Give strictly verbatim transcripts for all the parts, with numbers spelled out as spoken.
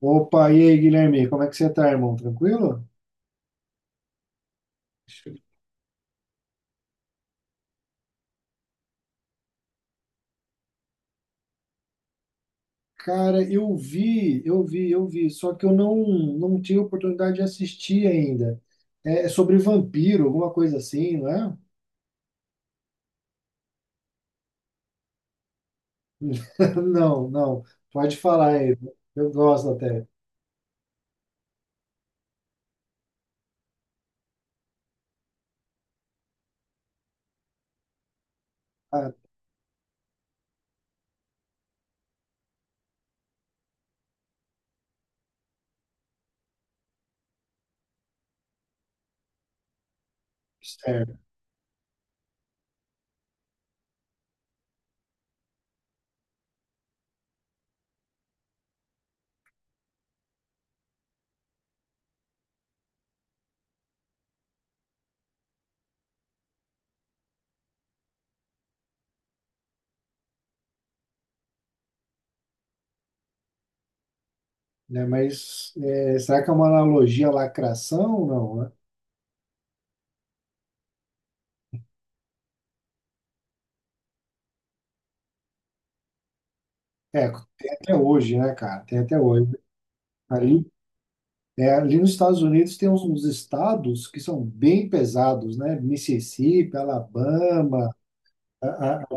Opa, e aí, Guilherme, como é que você tá, irmão? Tranquilo? Cara, eu vi, eu vi, eu vi, só que eu não, não tive oportunidade de assistir ainda. É, é sobre vampiro, alguma coisa assim, não é? Não, não, pode falar aí, eu gosto até. Ah, certo, né? Mas é, será que é uma analogia à lacração? Não, né? É, tem até hoje, né, cara? Tem até hoje. Ali É, ali, nos Estados Unidos tem uns, uns estados que são bem pesados, né? Mississippi, Alabama, a- a-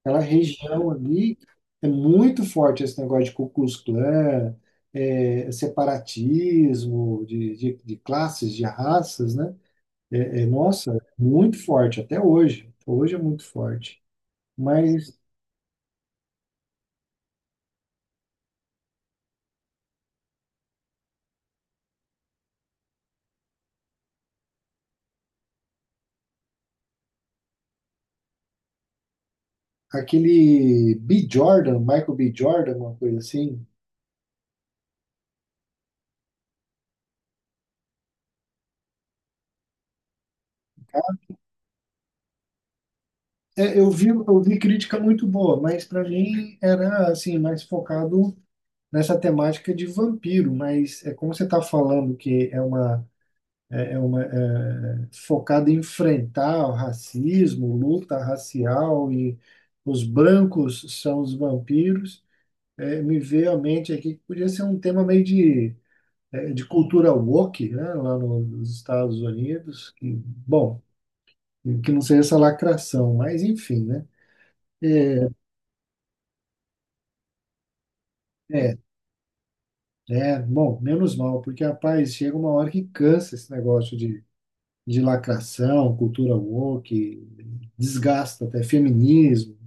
aquela região ali é muito forte esse negócio de Ku Klux Klan, é, separatismo de, de, de classes, de raças, né? É, é, nossa, muito forte até hoje. Hoje é muito forte. Mas aquele B. Jordan, Michael B. Jordan, uma coisa assim. É, eu vi, eu vi crítica muito boa, mas para mim era assim mais focado nessa temática de vampiro. Mas é como você está falando que é uma é, é uma é, focada em enfrentar o racismo, luta racial e os brancos são os vampiros. é, me veio à mente aqui que podia ser um tema meio de é, de cultura woke, né, lá no- nos Estados Unidos. Que, bom, que não seja essa lacração, mas enfim, né? É, é, É, bom, menos mal, porque, rapaz, chega uma hora que cansa esse negócio de, de lacração, cultura woke, desgasta até feminismo.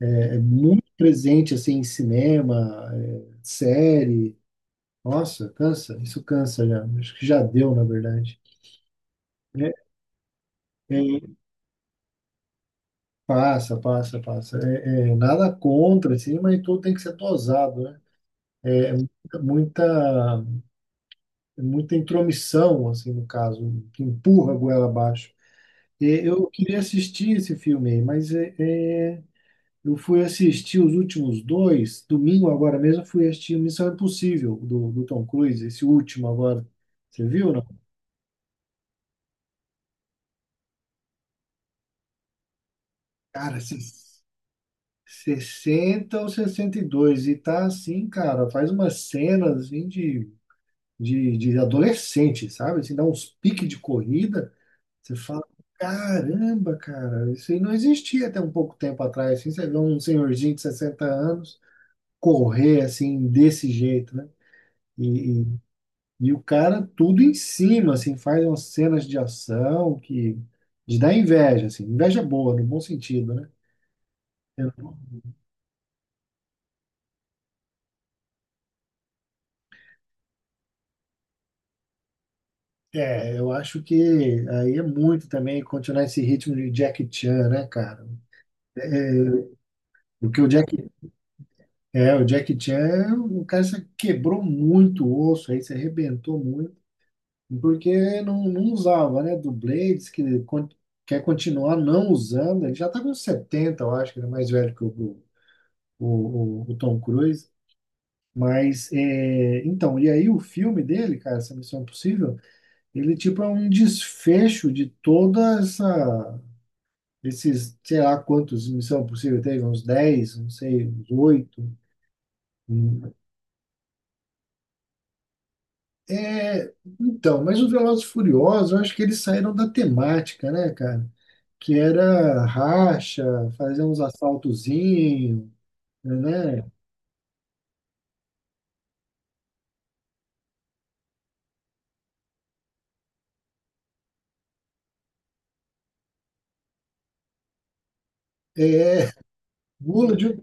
É é muito presente, assim, em cinema, é, série. Nossa, cansa, isso cansa já. Acho que já deu, na verdade. É, é, Passa, passa, passa. É, é, nada contra, assim, mas tudo tem que ser dosado, né? É é muita, muita muita intromissão, assim, no caso, que empurra a goela abaixo. É, eu queria assistir esse filme, mas é, é, eu fui assistir os últimos dois, domingo agora mesmo, eu fui assistir Missão Impossível, do, do Tom Cruise, esse último agora. Você viu, não? Cara, se- sessenta ou sessenta e dois e tá assim, cara, faz umas cenas assim, de, de, de adolescente, sabe? Assim, dá uns piques de corrida, você fala, caramba, cara, isso aí não existia até um pouco tempo atrás, assim, você vê um senhorzinho de sessenta anos, correr assim desse jeito, né? E, e, e o cara tudo em cima, assim, faz umas cenas de ação que de dar inveja, assim, inveja boa, no bom sentido, né? Eu- É, eu acho que aí é muito também continuar esse ritmo de Jack Chan, né, cara? É, Porque o Jack, é, o Jack Chan, o cara se quebrou muito o osso aí, se arrebentou muito. porque não, não usava, né? Do Blades, que con- quer continuar não usando, ele já tá com setenta eu acho, que ele é mais velho que o, o, o, o Tom Cruise. Mas, é, então, e aí o filme dele, cara, essa Missão Impossível, ele tipo é um desfecho de toda essa, esses, sei lá quantos Missão Impossível teve, uns dez não sei, uns oito. É, então, mas o Velozes e Furiosos, eu acho que eles saíram da temática, né, cara? Que era racha, fazer uns assaltozinhos, né? É, pula de um...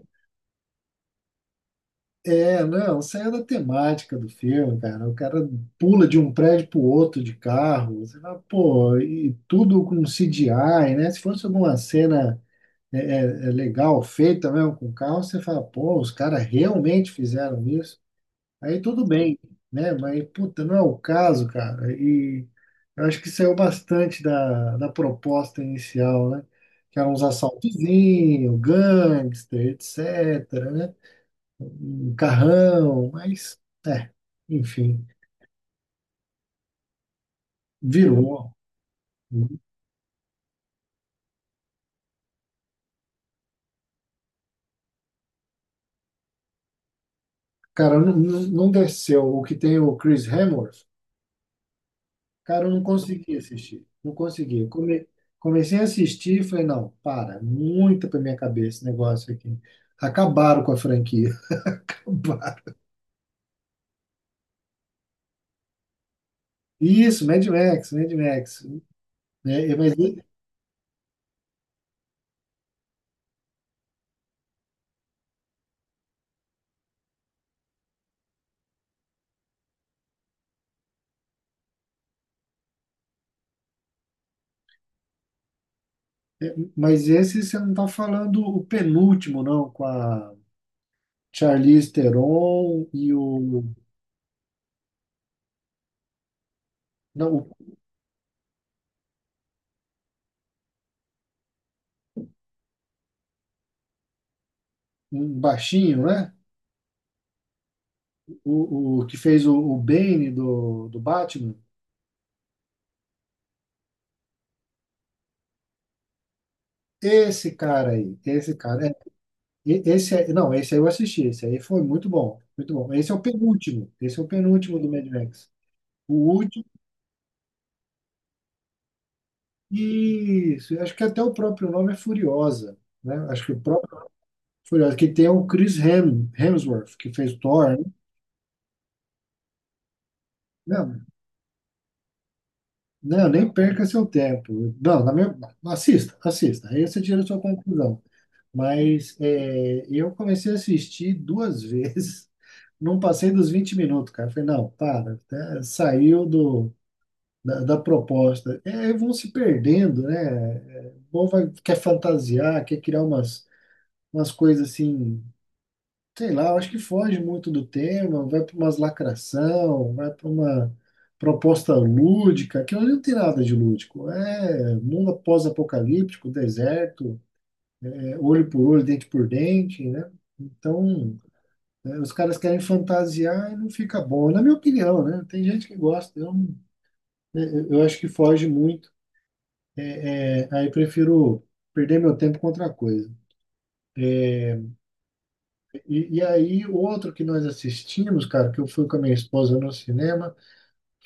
É, não, saiu da temática do filme, cara. O cara pula de um prédio pro outro de carro. Você fala, pô, e tudo com C G I, né? Se fosse alguma cena é, é, é legal, feita mesmo com carro, você fala, pô, os caras realmente fizeram isso. Aí tudo bem, né? Mas, puta, não é o caso, cara. E eu acho que saiu bastante da, da proposta inicial, né? Que eram uns assaltozinhos, gangster, etc, né? Um carrão, mas, é, enfim, virou. Cara, não, não não desceu. O que tem o Chris Hemsworth, cara, eu não consegui assistir. Não consegui. Come, comecei a assistir e falei, não, para, muito pra minha cabeça esse negócio aqui. Acabaram com a franquia. Isso, Mad Max, Mad Max. É, é, mas, mas esse você não tá falando o penúltimo, não, com a Charlize Theron e o. Não, o um baixinho, né? O, o que fez o, o Bane do, do Batman. Esse cara aí, esse cara. é, e- esse é, não, esse aí eu assisti, esse aí foi muito bom, muito bom. Esse é o penúltimo, esse é o penúltimo do Mad Max. O último, isso, acho que até o próprio nome é Furiosa, né? Acho que o próprio Furiosa, que tem o Chris Hem- Hemsworth, que fez Thor, né? Não, não, nem perca seu tempo. Não, na minha, assista, assista. Aí você tira a sua conclusão. Mas é, eu comecei a assistir duas vezes, não passei dos vinte minutos, cara. Falei, não, para, tá, saiu do, da, da proposta. É, aí vão se perdendo, né? É, o povo vai, quer fantasiar, quer criar umas, umas coisas assim, sei lá, eu acho que foge muito do tema, vai para umas lacração, vai para uma proposta lúdica, aquilo ali não tem nada de lúdico. É mundo pós-apocalíptico, deserto, é olho por olho, dente por dente, né? Então, é, os caras querem fantasiar e não fica bom, na minha opinião, né? Tem gente que gosta, eu, não- eu eu acho que foge muito. É, aí prefiro perder meu tempo com outra coisa. E, e aí, outro que nós assistimos, cara, que eu fui com a minha esposa no cinema,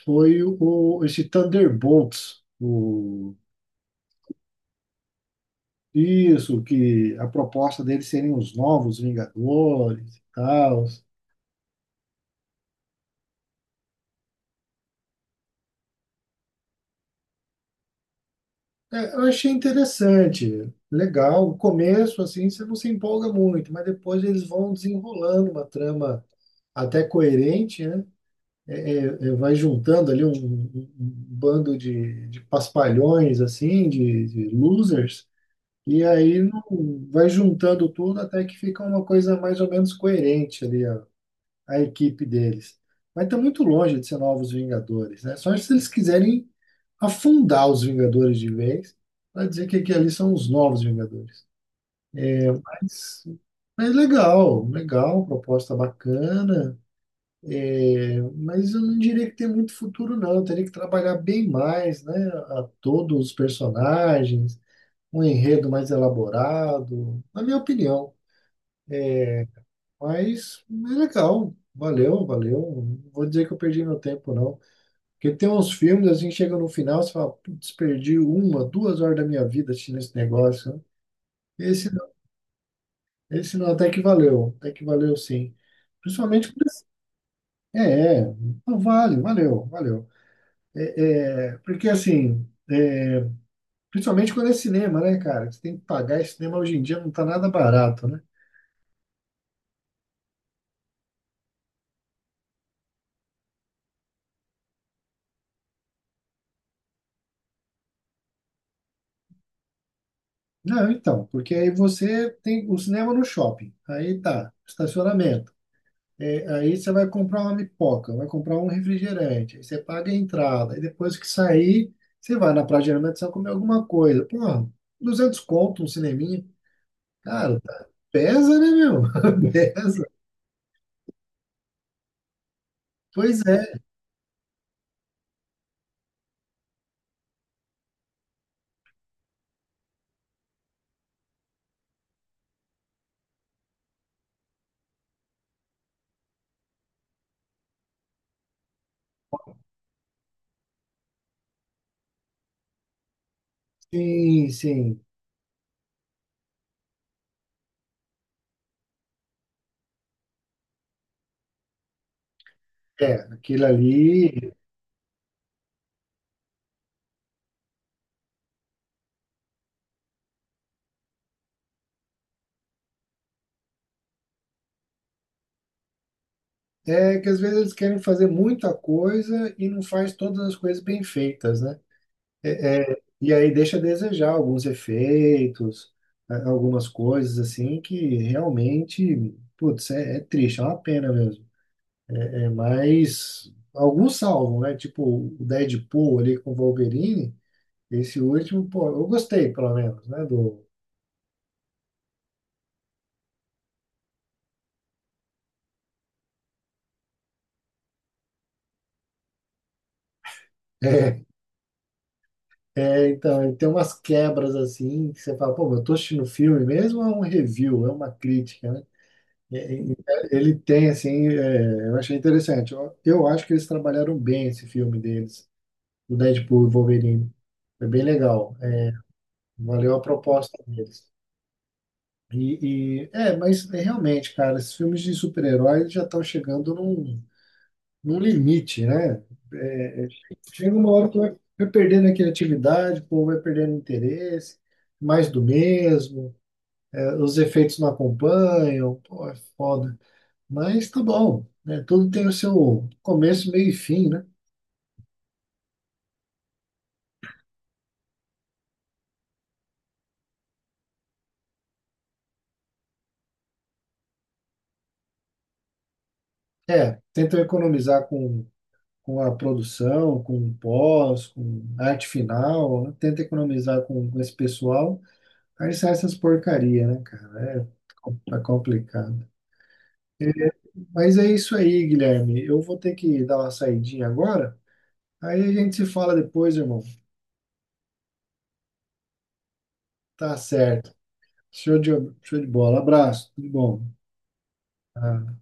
foi o, esse Thunderbolts, o, isso, que a proposta deles serem os novos Vingadores e tal. É, eu achei interessante, legal. O começo, assim, você não se empolga muito, mas depois eles vão desenrolando uma trama até coerente, né? É, é, vai juntando ali um, um- um bando de, de paspalhões, assim, de, de losers, e aí não- vai juntando tudo até que fica uma coisa mais ou menos coerente ali, a, a equipe deles. Mas está muito longe de ser novos Vingadores, né? Só se eles quiserem afundar os Vingadores de vez, para dizer que aqui ali são os novos Vingadores. Mas, mas legal, legal, proposta bacana, é, mas eu não diria que tem muito futuro, não. Eu teria que trabalhar bem mais, né? A todos os personagens, um enredo mais elaborado, na minha opinião. Mas é legal, valeu, valeu. Não vou dizer que eu perdi meu tempo, não. Porque tem uns filmes assim que chega no final, você fala, putz, perdi uma, duas horas da minha vida assistindo esse negócio, né? Esse, não- Esse não, até que valeu, até que valeu sim. Principalmente por esse- É, é, não, vale, valeu, valeu. É, é, Porque assim, é, principalmente quando é cinema, né, cara? Você tem que pagar, e cinema hoje em dia não tá nada barato, né? Não, então, porque aí você tem o cinema no shopping, aí tá, estacionamento. É, aí você vai comprar uma pipoca, vai comprar um refrigerante, aí você paga a entrada, aí depois que sair, você vai na Praia de Alimentação só comer alguma coisa. Pô, duzentos conto, um cineminha. Cara, tá- pesa, né, meu? Pesa. Pois é, sim, sim. É, aquilo ali é que às vezes eles querem fazer muita coisa e não faz todas as coisas bem feitas, né? É, é, e aí deixa a desejar alguns efeitos, a- algumas coisas assim que realmente, putz, é, é triste, é uma pena mesmo. É, mas alguns salvam, né? Tipo o Deadpool ali com o Wolverine, esse último, pô, eu gostei pelo menos, né? Do, é, é, então, ele tem umas quebras assim que você fala, pô, mas eu tô assistindo filme mesmo ou é um review, é uma crítica, né? E- e- Ele tem, assim, é, eu achei interessante. Eu, eu acho que eles trabalharam bem esse filme deles, do Deadpool e Wolverine. Foi bem legal. É, valeu a proposta deles. E, e- é, mas é, realmente, cara, esses filmes de super-heróis já estão chegando num, num limite, né? É, é, Chega uma hora que vai, vai perdendo a criatividade, o povo vai perdendo o interesse, mais do mesmo, é, os efeitos não acompanham. Pô, é foda. Mas tá bom, né? Tudo tem o seu começo, meio e fim, né? É, tentam economizar com, com a produção, com o pós, com a arte final, né? Tenta economizar com, com esse pessoal, aí sai essas porcaria, né, cara? É, com- tá complicado. É, Mas é isso aí, Guilherme. Eu vou ter que dar uma saidinha agora, aí a gente se fala depois, irmão. Tá certo. Show de, show de bola. Abraço, tudo bom. Ah,